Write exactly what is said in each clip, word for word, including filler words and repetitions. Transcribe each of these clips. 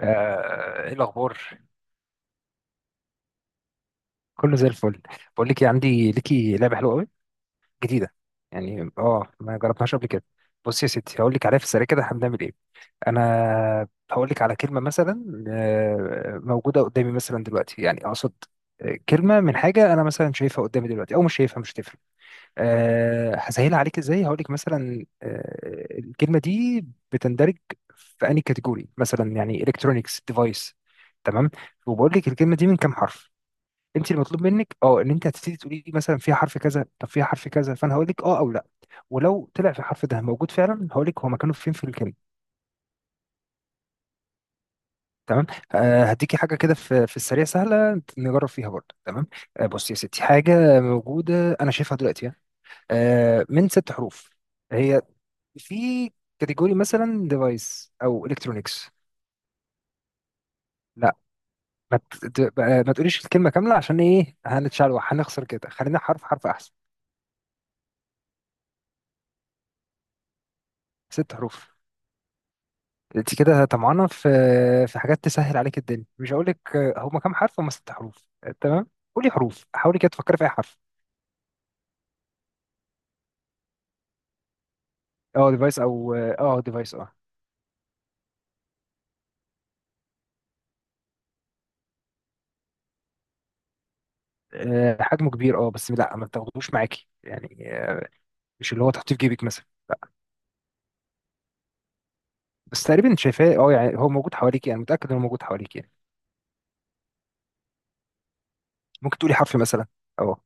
آه، ايه الاخبار؟ كله زي الفل. بقول لك إيه، عندي ليكي لعبه حلوه قوي جديده. يعني اه ما جربتهاش قبل كده. بص يا ستي، هقول لك عليها في السريع كده احنا بنعمل ايه. انا هقول لك على كلمه مثلا، آه، موجوده قدامي مثلا دلوقتي، يعني اقصد آه، كلمه من حاجه انا مثلا شايفها قدامي دلوقتي او مش شايفها، مش هتفرق. أه هسهلها عليك ازاي. هقول لك مثلا، أه الكلمه دي بتندرج في انهي كاتيجوري، مثلا يعني الكترونيكس ديفايس، تمام. وبقول لك الكلمه دي من كام حرف؟ انت المطلوب منك اه ان انت هتبتدي تقولي لي مثلا فيها حرف كذا، طب فيها حرف كذا، فانا هقول لك اه او لا. ولو طلع في الحرف ده موجود فعلا، هقول لك هو مكانه فين في الكلمه. تمام. آه هديكي حاجه كده في في السريع، سهله نجرب فيها برضه، تمام. آه بصي يا ستي، حاجه موجوده انا شايفها دلوقتي، آه من ست حروف. هي في كاتيجوري مثلا ديفايس او الكترونكس. لا، ما ت- ت- بقى- ما تقوليش الكلمه كامله، عشان ايه هنتشعلوح، هنخسر كده. خلينا حرف حرف احسن. ست حروف. انت كده طمعانه في في حاجات تسهل عليك الدنيا، مش هقول لك. هما كام حرف؟ هما ست حروف، آه، تمام. قولي حروف، حاولي كده تفكري في اي حرف. اه ديفايس، او اه ديفايس اه. آه، حجمه كبير اه، بس لا ما تاخدوش معاكي يعني، آه، مش اللي هو تحطيه في جيبك مثلا، لا. بس تقريبا انت شايفاه، اه يعني هو موجود حواليك، يعني متاكد انه موجود حواليك يعني. ممكن تقولي حرف مثلا. اه.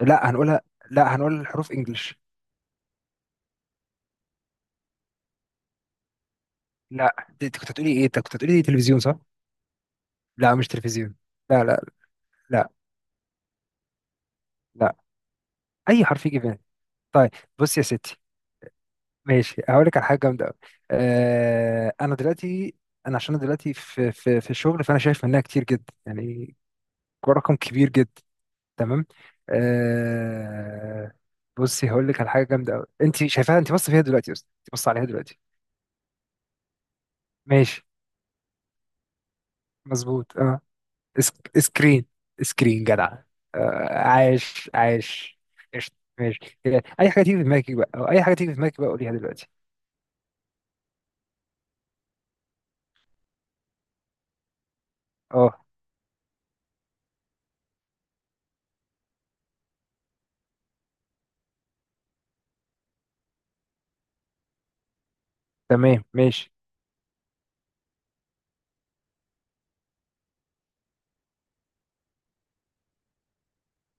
لا هنقولها. لا، هنقول الحروف انجلش. لا، دي- انت كنت هتقولي ايه؟ انت كنت هتقولي تلفزيون صح؟ لا، مش تلفزيون. لا. لا. لا لا. اي حرف يجي في بالك. طيب. بص يا ستي، ماشي هقول لك على حاجه جامده قوي. آه انا دلوقتي، انا عشان أنا دلوقتي في في في الشغل، فانا شايف منها كتير جدا يعني، رقم كبير جدا، تمام. آه بصي هقول لك على حاجه جامده قوي. انت شايفاها، انت بص فيها دلوقتي، بس انت بص عليها دلوقتي. ماشي. مظبوط اه. اسك... سكرين. سكرين جدع. آه عايش عايش. قشطة، ماشي، آه، اي حاجه تيجي في دماغك بقى، او اي حاجه تيجي في دماغك بقى قوليها دلوقتي. اه. تمام ماشي.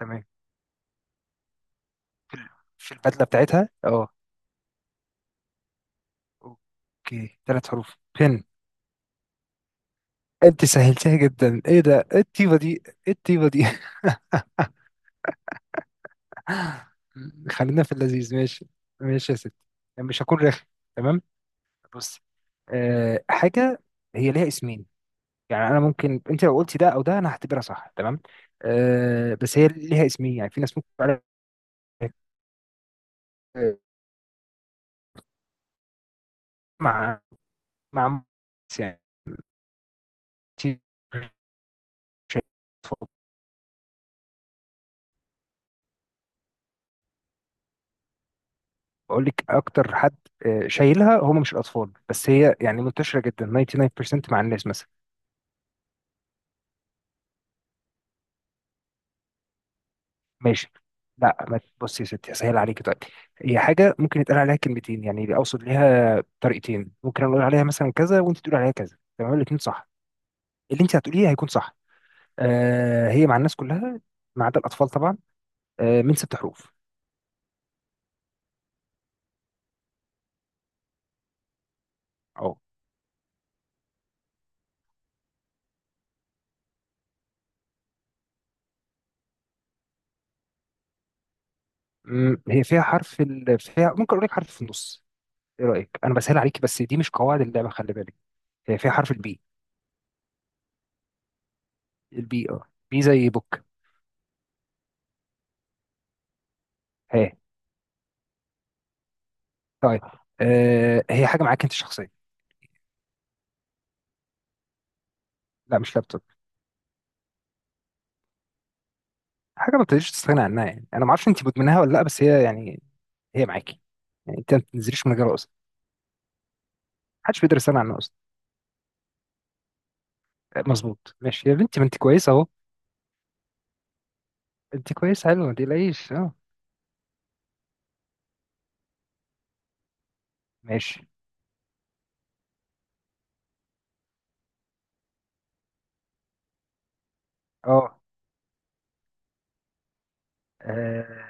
تمام. في ال- في البدله بتاعتها اه. اوكي، ثلاث حروف، بن. انت سهلتها جدا، ايه ده؟ ايه الطيبه دي؟ ايه الطيبه دي؟ خلينا في اللذيذ، ماشي. ماشي يا ستي، مش هكون رخم. تمام. بص، أه حاجه هي ليها اسمين. يعني انا ممكن انت لو قلتي ده او ده انا هعتبرها صح، تمام. أه بس هي ليها اسمين، يعني في ناس ممكن تعرف- مع مع يعني، بقول لك اكتر حد آه، شايلها هم مش الاطفال، بس هي يعني منتشره جدا، تسعه وتسعين في المية مع الناس مثلا. ماشي. لا، ما بصي يا ستي، هسهل عليكي دلوقتي. هي حاجه ممكن يتقال عليها كلمتين، يعني اقصد ليها طريقتين، ممكن اقول عليها مثلا كذا وانت تقول عليها كذا، تمام، الاثنين صح. اللي انت هتقوليه هيكون صح. آه هي مع الناس كلها، ما عدا الاطفال طبعا. آه من ست حروف. اه. مم، هي فيها حرف ال... فيها، ممكن اقول لك حرف في النص. ايه رايك؟ انا بسهل عليكي، بس دي مش قواعد اللعبه، خلي بالك. هي فيها حرف البي. البي اه. بي زي بوك. هي. طيب. آه هي حاجه معاك انت شخصيا. لا، مش لابتوب. حاجه ما تقدريش تستغنى عنها، يعني انا ما اعرفش انت مدمناها ولا لا، بس هي يعني هي معاكي. يعني انت ما بتنزليش من غيرها اصلا، محدش بيقدر يستغنى عنها اصلا. آه، مظبوط، ماشي يا بنتي، ما انت كويسه اهو. انت كويسه حلوه، ما تقلقيش اه. ماشي. اه آه،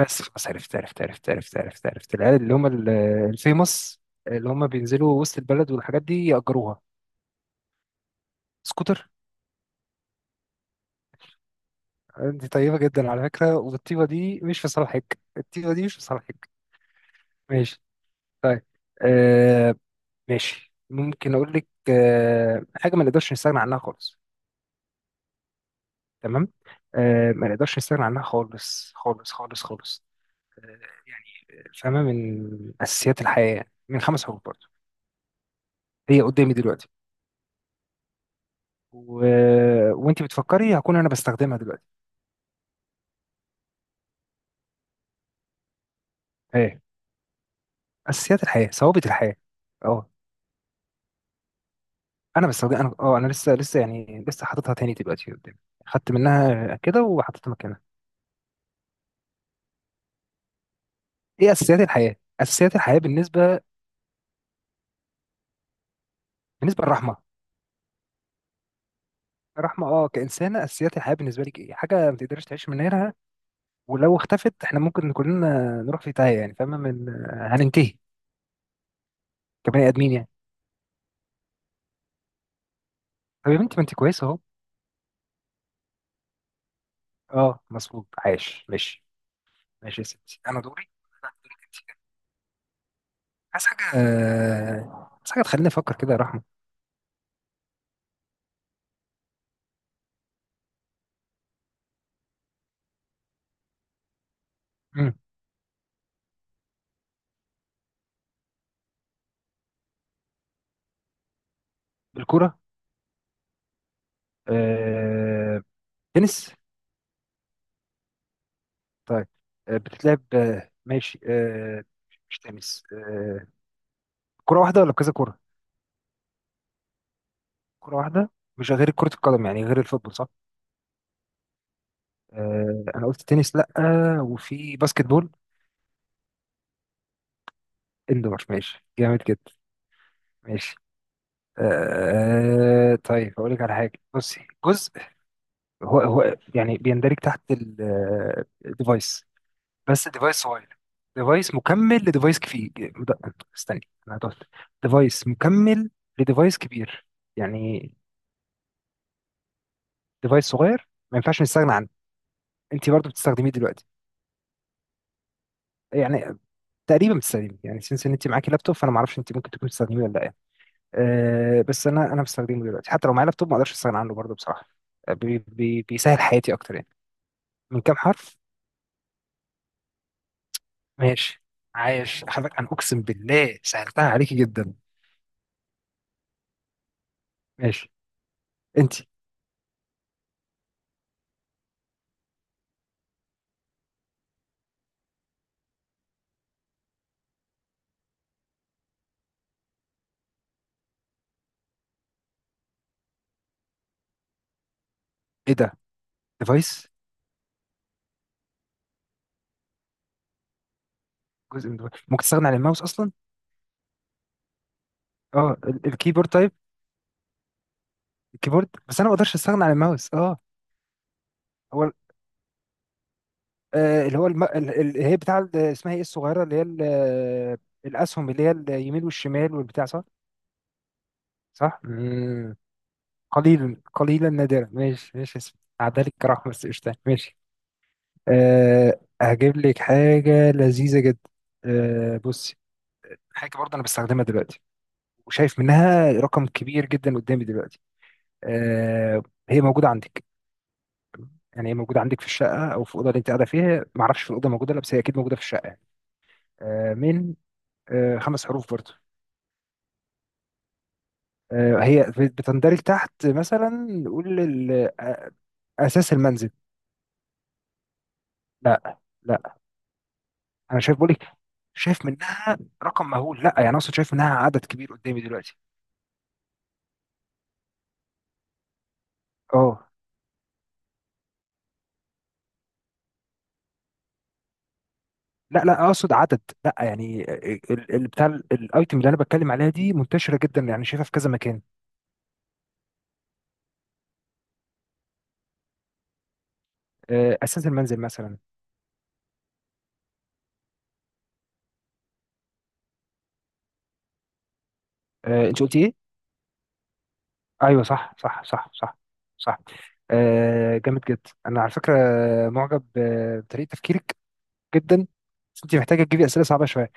بس خلاص، عرفت عرفت عرفت عرفت عرفت عرفت العيال اللي هم ال- الفيموس، اللي هم بينزلوا وسط البلد والحاجات دي يأجروها. سكوتر. انت طيبة جدا على فكرة، والطيبة دي مش في صالحك، الطيبة دي مش في صالحك. ماشي. طيب، آه ماشي، ممكن اقول لك آه حاجة ما نقدرش نستغنى عنها خالص، تمام. آه ما نقدرش نستغنى عنها خالص خالص خالص خالص، آه يعني، آه، فاهمة، من أساسيات الحياة يعني. من خمس حروف برضه. هي قدامي دلوقتي و... وانت بتفكري هكون انا بستخدمها دلوقتي. ايه أساسيات الحياة، ثوابت الحياة. اه. انا بس هو- انا اه انا لسه لسه يعني لسه حاططها تاني دلوقتي قدامي. خدت منها كده وحطيتها مكانها. ايه اساسيات الحياه، اساسيات الحياه بالنسبه، بالنسبه للرحمه. الرحمه، اه كانسانه، اساسيات الحياه بالنسبه لك ايه؟ حاجه ما تقدرش تعيش من غيرها، ولو اختفت احنا ممكن كلنا نروح في تايه، يعني فاهمه، من هننتهي كبني ادمين يعني. طب يا بنتي، ما انت كويسه اهو. اه مظبوط، عايش، ماشي. ماشي يا ستي، انا دوري. لا، دورك انت. عايز حاجه، آه، عايز حاجه تخليني افكر كده يا رحمه. مم. بالكوره. آه، تنس؟ طيب، آه، بتتلعب آه، ماشي، آه، مش تنس آه، كرة واحدة ولا كذا كرة؟ كرة واحدة، مش غير كرة القدم، يعني غير الفوتبول صح؟ آه، أنا قلت تنس لأ. وفي باسكت بول. اندور، ماشي جامد جدا. ماشي. آه، طيب أقول لك على حاجة، بصي جزء، هو هو يعني بيندرج تحت الديفايس، بس ديفايس صغير، ديفايس مكمل لديفايس كبير. استني، أنا هتقول ديفايس مكمل لديفايس كبير. يعني ديفايس صغير ما ينفعش نستغنى عنه. انت برضو بتستخدميه دلوقتي، يعني تقريبا بتستخدميه، يعني سنس ان انت معاكي لابتوب، فانا ما اعرفش انت ممكن تكون بتستخدميه ولا لا يعني. أه بس انا انا بستخدمه دلوقتي، حتى لو معايا لابتوب ما اقدرش استغنى عنه برضو بصراحه. آه، بي بي بيسهل حياتي اكتر يعني. من كام حرف؟ ماشي. عايش حضرتك، انا اقسم بالله سهلتها عليكي جدا. ماشي. انت، ايه ده؟ ديفايس، جزء من device. ممكن تستغنى عن الماوس اصلا؟ اه، ال- الكيبورد طيب. الكيبورد، بس انا ما اقدرش استغنى عن الماوس اه. هو، آه، اللي هو الم... ال- ال- اللي هي بتاع ال- اسمها ايه الصغيره، اللي هي ال- آه، الاسهم اللي هي اليمين والشمال والبتاع صح؟ صح. مم. قليلا قليلا نادرا، ماشي ماشي اسم عدالك كرحمة. بس قشطة، ماشي. أه هجيب لك حاجة لذيذة جدا. أه بصي، حاجة برضه أنا بستخدمها دلوقتي وشايف منها رقم كبير جدا قدامي دلوقتي، أه هي موجودة عندك، يعني هي موجودة عندك في الشقة أو في الأوضة اللي أنت قاعدة فيها، معرفش في الأوضة موجودة ولا، بس هي أكيد موجودة في الشقة يعني. أه من آه، خمس حروف برضو. آه، هي بت- بتندرج تحت، مثلا نقول ال- آه، اساس المنزل. لا لا، انا شايف بقولك، شايف منها رقم مهول، لا يعني اقصد شايف منها عدد كبير قدامي دلوقتي. اه. لا لا اقصد عدد، لا يعني ال- ال- بتاع ال- الايتم اللي انا بتكلم عليها دي منتشره جدا، يعني شايفها في كذا مكان. آه، اساس المنزل مثلا. آه، انت قلتي ايه؟ ايوه صح صح صح صح، صح. آه، جامد جدا انا على فكره، معجب آه، بطريقه تفكيرك جدا. بس انت محتاجه تجيبي اسئله صعبه شويه.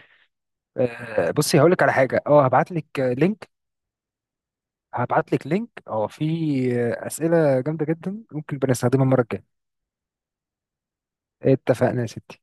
آه، بصي هقول لك على حاجه، اه هبعت لك لينك. هبعت لك لينك اه في آه، اسئله جامده جدا ممكن بنستخدمها المره الجايه. اتفقنا يا ستي.